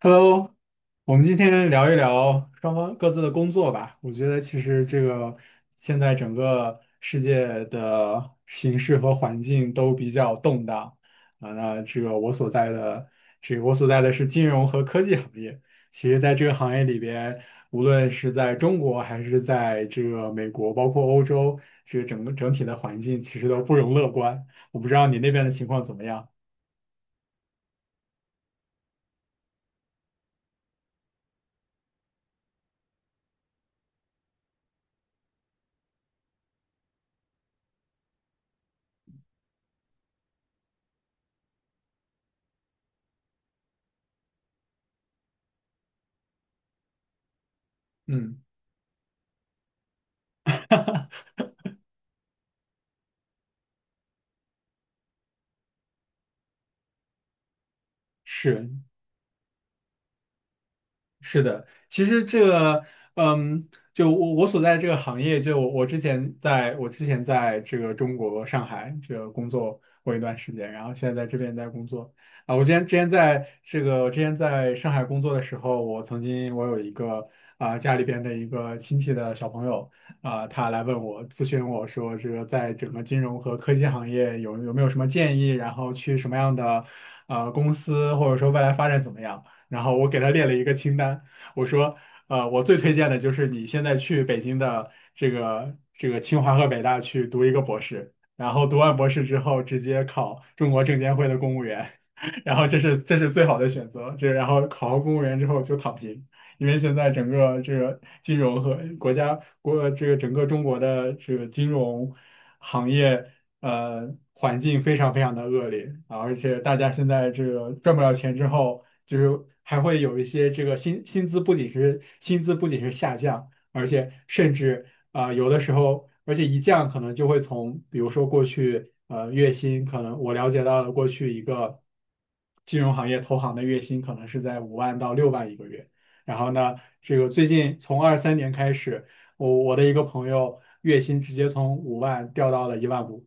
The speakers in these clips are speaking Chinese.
Hello，我们今天聊一聊双方各自的工作吧。我觉得其实这个现在整个世界的形势和环境都比较动荡啊。那这个我所在的是金融和科技行业。其实，在这个行业里边，无论是在中国还是在这个美国，包括欧洲，这个整体的环境其实都不容乐观。我不知道你那边的情况怎么样？嗯，是。是的，其实这个，嗯，就我所在这个行业，就我之前在这个中国上海这个工作过一段时间，然后现在在这边在工作啊。我之前在上海工作的时候，我曾经我有一个家里边的一个亲戚的小朋友他来咨询我说，这个在整个金融和科技行业有没有什么建议，然后去什么样的公司，或者说未来发展怎么样？然后我给他列了一个清单，我说，我最推荐的就是你现在去北京的这个清华和北大去读一个博士，然后读完博士之后直接考中国证监会的公务员，然后这是最好的选择，然后考上公务员之后就躺平。因为现在整个这个金融和国家国这个整个中国的这个金融行业环境非常非常的恶劣啊，而且大家现在这个赚不了钱之后，就是还会有一些这个薪资不仅是下降，而且甚至有的时候，而且一降可能就会从比如说过去月薪可能我了解到的过去一个金融行业投行的月薪可能是在5万到6万一个月。然后呢，这个最近从23年开始，我的一个朋友月薪直接从五万掉到了1万5。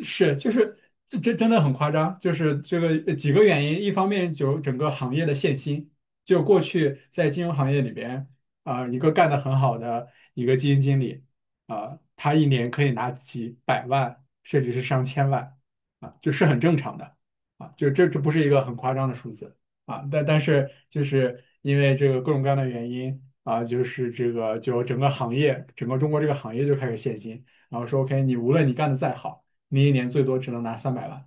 是，就是这真的很夸张，就是这个几个原因，一方面就整个行业的限薪，就过去在金融行业里边啊、一个干得很好的一个基金经理啊、他一年可以拿几百万，甚至是上千万啊，就是很正常的啊，就这不是一个很夸张的数字啊，但是就是因为这个各种各样的原因啊，就是这个就整个行业，整个中国这个行业就开始限薪，然后说 OK，你无论你干得再好，你一年最多只能拿300万。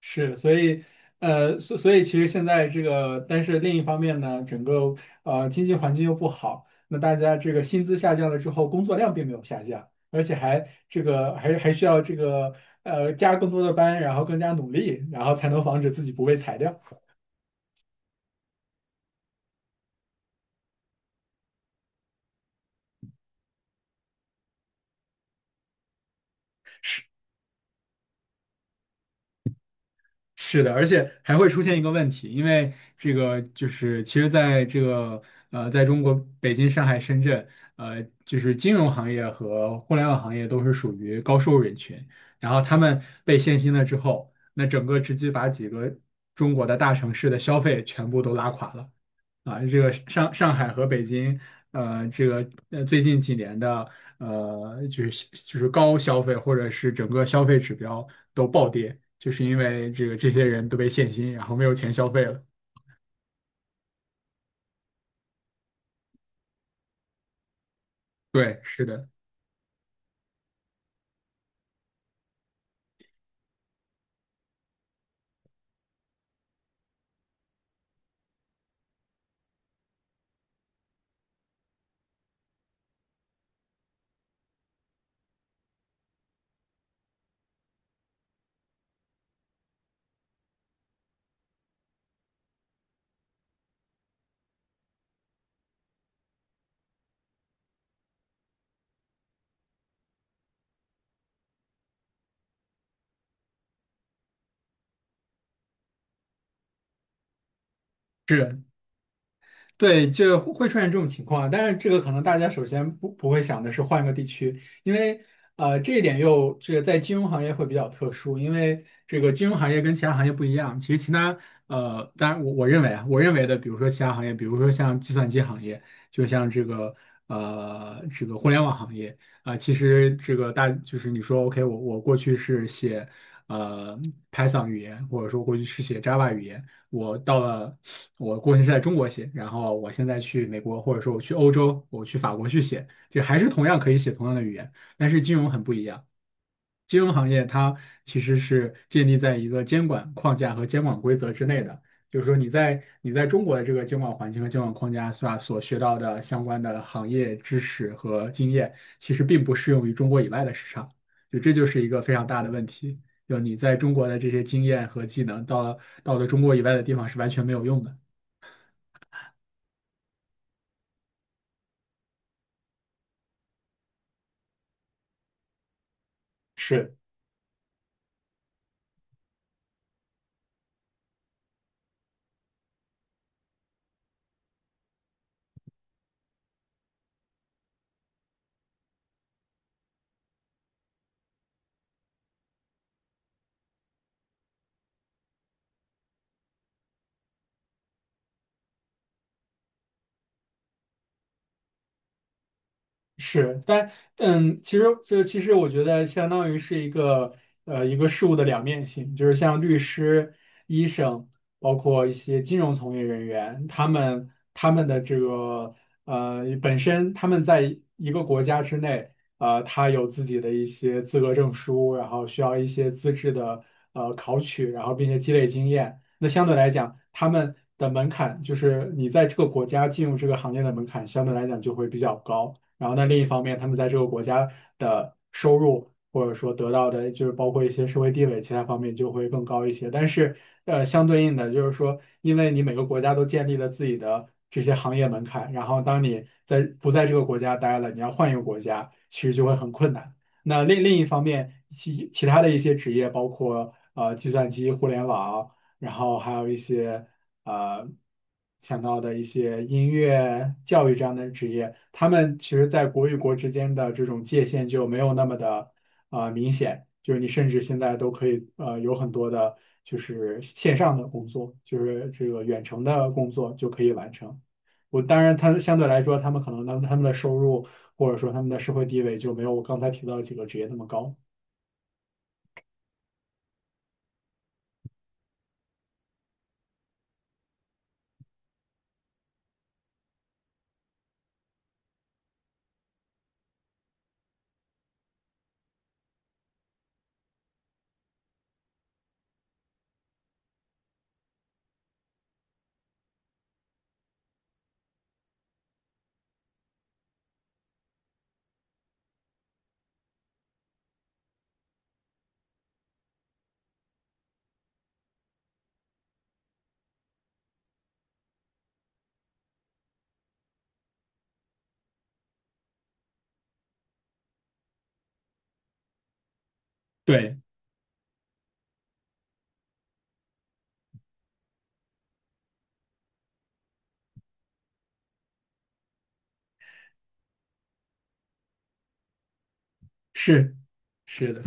是，所以，所以其实现在这个，但是另一方面呢，整个经济环境又不好，那大家这个薪资下降了之后，工作量并没有下降，而且还需要加更多的班，然后更加努力，然后才能防止自己不被裁掉。是的，而且还会出现一个问题，因为这个就是其实在这个在中国北京、上海、深圳，就是金融行业和互联网行业都是属于高收入人群，然后他们被限薪了之后，那整个直接把几个中国的大城市的消费全部都拉垮了。啊，这个上海和北京，这个最近几年的就是高消费或者是整个消费指标都暴跌，就是因为这个这些人都被限薪，然后没有钱消费了。对，是的。是。对，就会出现这种情况，但是这个可能大家首先不会想的是换个地区，因为这一点又这个在金融行业会比较特殊，因为这个金融行业跟其他行业不一样。其实其他当然我认为啊，我认为的，比如说其他行业，比如说像计算机行业，就像这个这个互联网行业啊、其实这个就是你说 OK，我过去是写呃 Python 语言，或者说过去是写 Java 语言，我到了。我过去是在中国写，然后我现在去美国，或者说我去欧洲，我去法国去写，就还是同样可以写同样的语言，但是金融很不一样。金融行业它其实是建立在一个监管框架和监管规则之内的，就是说你在中国的这个监管环境和监管框架下所学到的相关的行业知识和经验，其实并不适用于中国以外的市场，就这就是一个非常大的问题。就你在中国的这些经验和技能，到了中国以外的地方是完全没有用的。是。是，其实我觉得相当于是一个一个事物的两面性，就是像律师、医生，包括一些金融从业人员，他们的本身他们在一个国家之内，他有自己的一些资格证书，然后需要一些资质的考取，然后并且积累经验。那相对来讲，他们的门槛就是你在这个国家进入这个行业的门槛，相对来讲就会比较高。然后呢，另一方面，他们在这个国家的收入或者说得到的，就是包括一些社会地位，其他方面就会更高一些。但是，相对应的就是说，因为你每个国家都建立了自己的这些行业门槛，然后当你在不在这个国家待了，你要换一个国家，其实就会很困难。那另一方面，其他的一些职业，包括计算机、互联网，然后还有一些，呃想到的一些音乐、教育这样的职业，他们其实在国与国之间的这种界限就没有那么的明显，就是你甚至现在都可以有很多的，就是线上的工作，就是这个远程的工作就可以完成。我当然，他们相对来说，他们可能他们他们的收入或者说他们的社会地位就没有我刚才提到的几个职业那么高。对，是是的。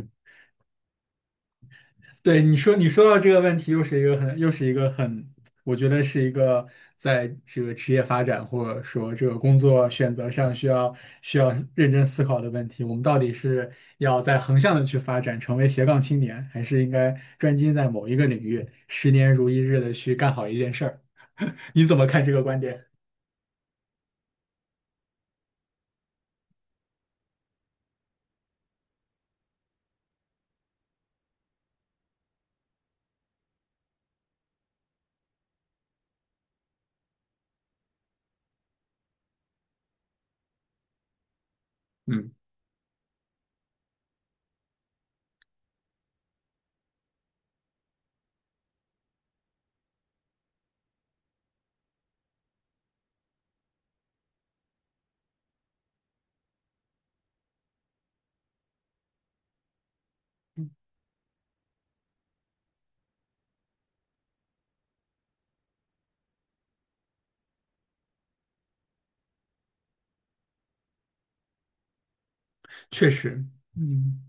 对，你说到这个问题，又是一个很，我觉得是一个在这个职业发展或者说这个工作选择上需要认真思考的问题。我们到底是要在横向的去发展，成为斜杠青年，还是应该专精在某一个领域，十年如一日的去干好一件事儿？你怎么看这个观点？嗯，确实，嗯，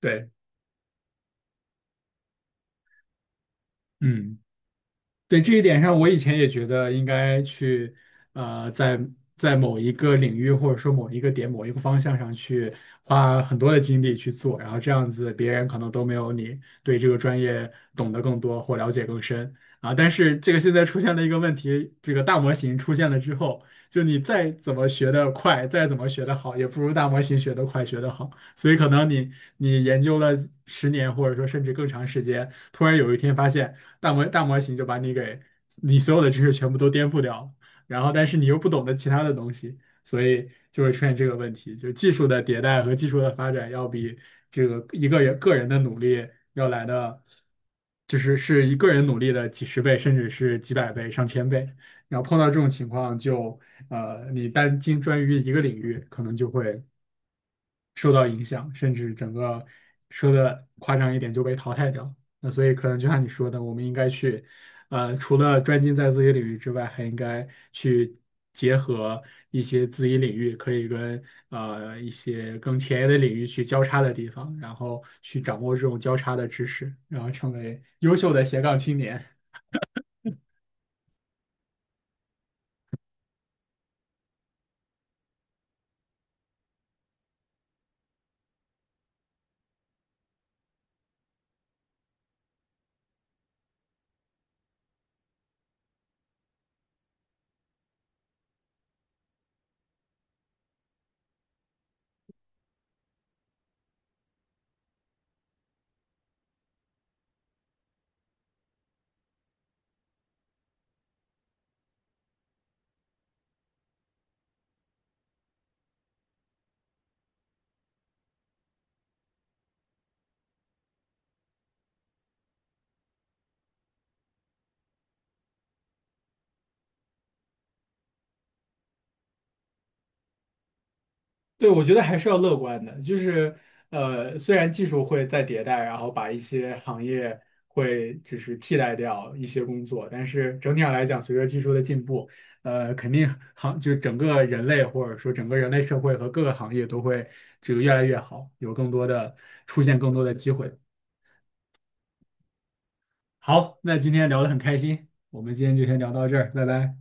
对，嗯。对这一点上，我以前也觉得应该去，呃，在在某一个领域或者说某一个点、某一个方向上去花很多的精力去做，然后这样子别人可能都没有你对这个专业懂得更多或了解更深啊。但是这个现在出现了一个问题，这个大模型出现了之后，就你再怎么学得快，再怎么学得好，也不如大模型学得快、学得好。所以可能你研究了十年或者说甚至更长时间，突然有一天发现，大模型就把你给你所有的知识全部都颠覆掉了，然后但是你又不懂得其他的东西，所以就会出现这个问题，就技术的迭代和技术的发展要比这个一个人个人的努力要来的，就是一个人努力的几十倍，甚至是几百倍、上千倍。然后碰到这种情况就，你单精专于一个领域，可能就会受到影响，甚至整个说的夸张一点就被淘汰掉。那所以可能就像你说的，我们应该去，除了专精在自己领域之外，还应该去结合一些自己领域可以跟一些更前沿的领域去交叉的地方，然后去掌握这种交叉的知识，然后成为优秀的斜杠青年。对，我觉得还是要乐观的，就是虽然技术会在迭代，然后把一些行业会就是替代掉一些工作，但是整体上来讲，随着技术的进步，肯定行就是整个人类或者说整个人类社会和各个行业都会这个越来越好，有更多的出现更多的机会。好，那今天聊得很开心，我们今天就先聊到这儿，拜拜。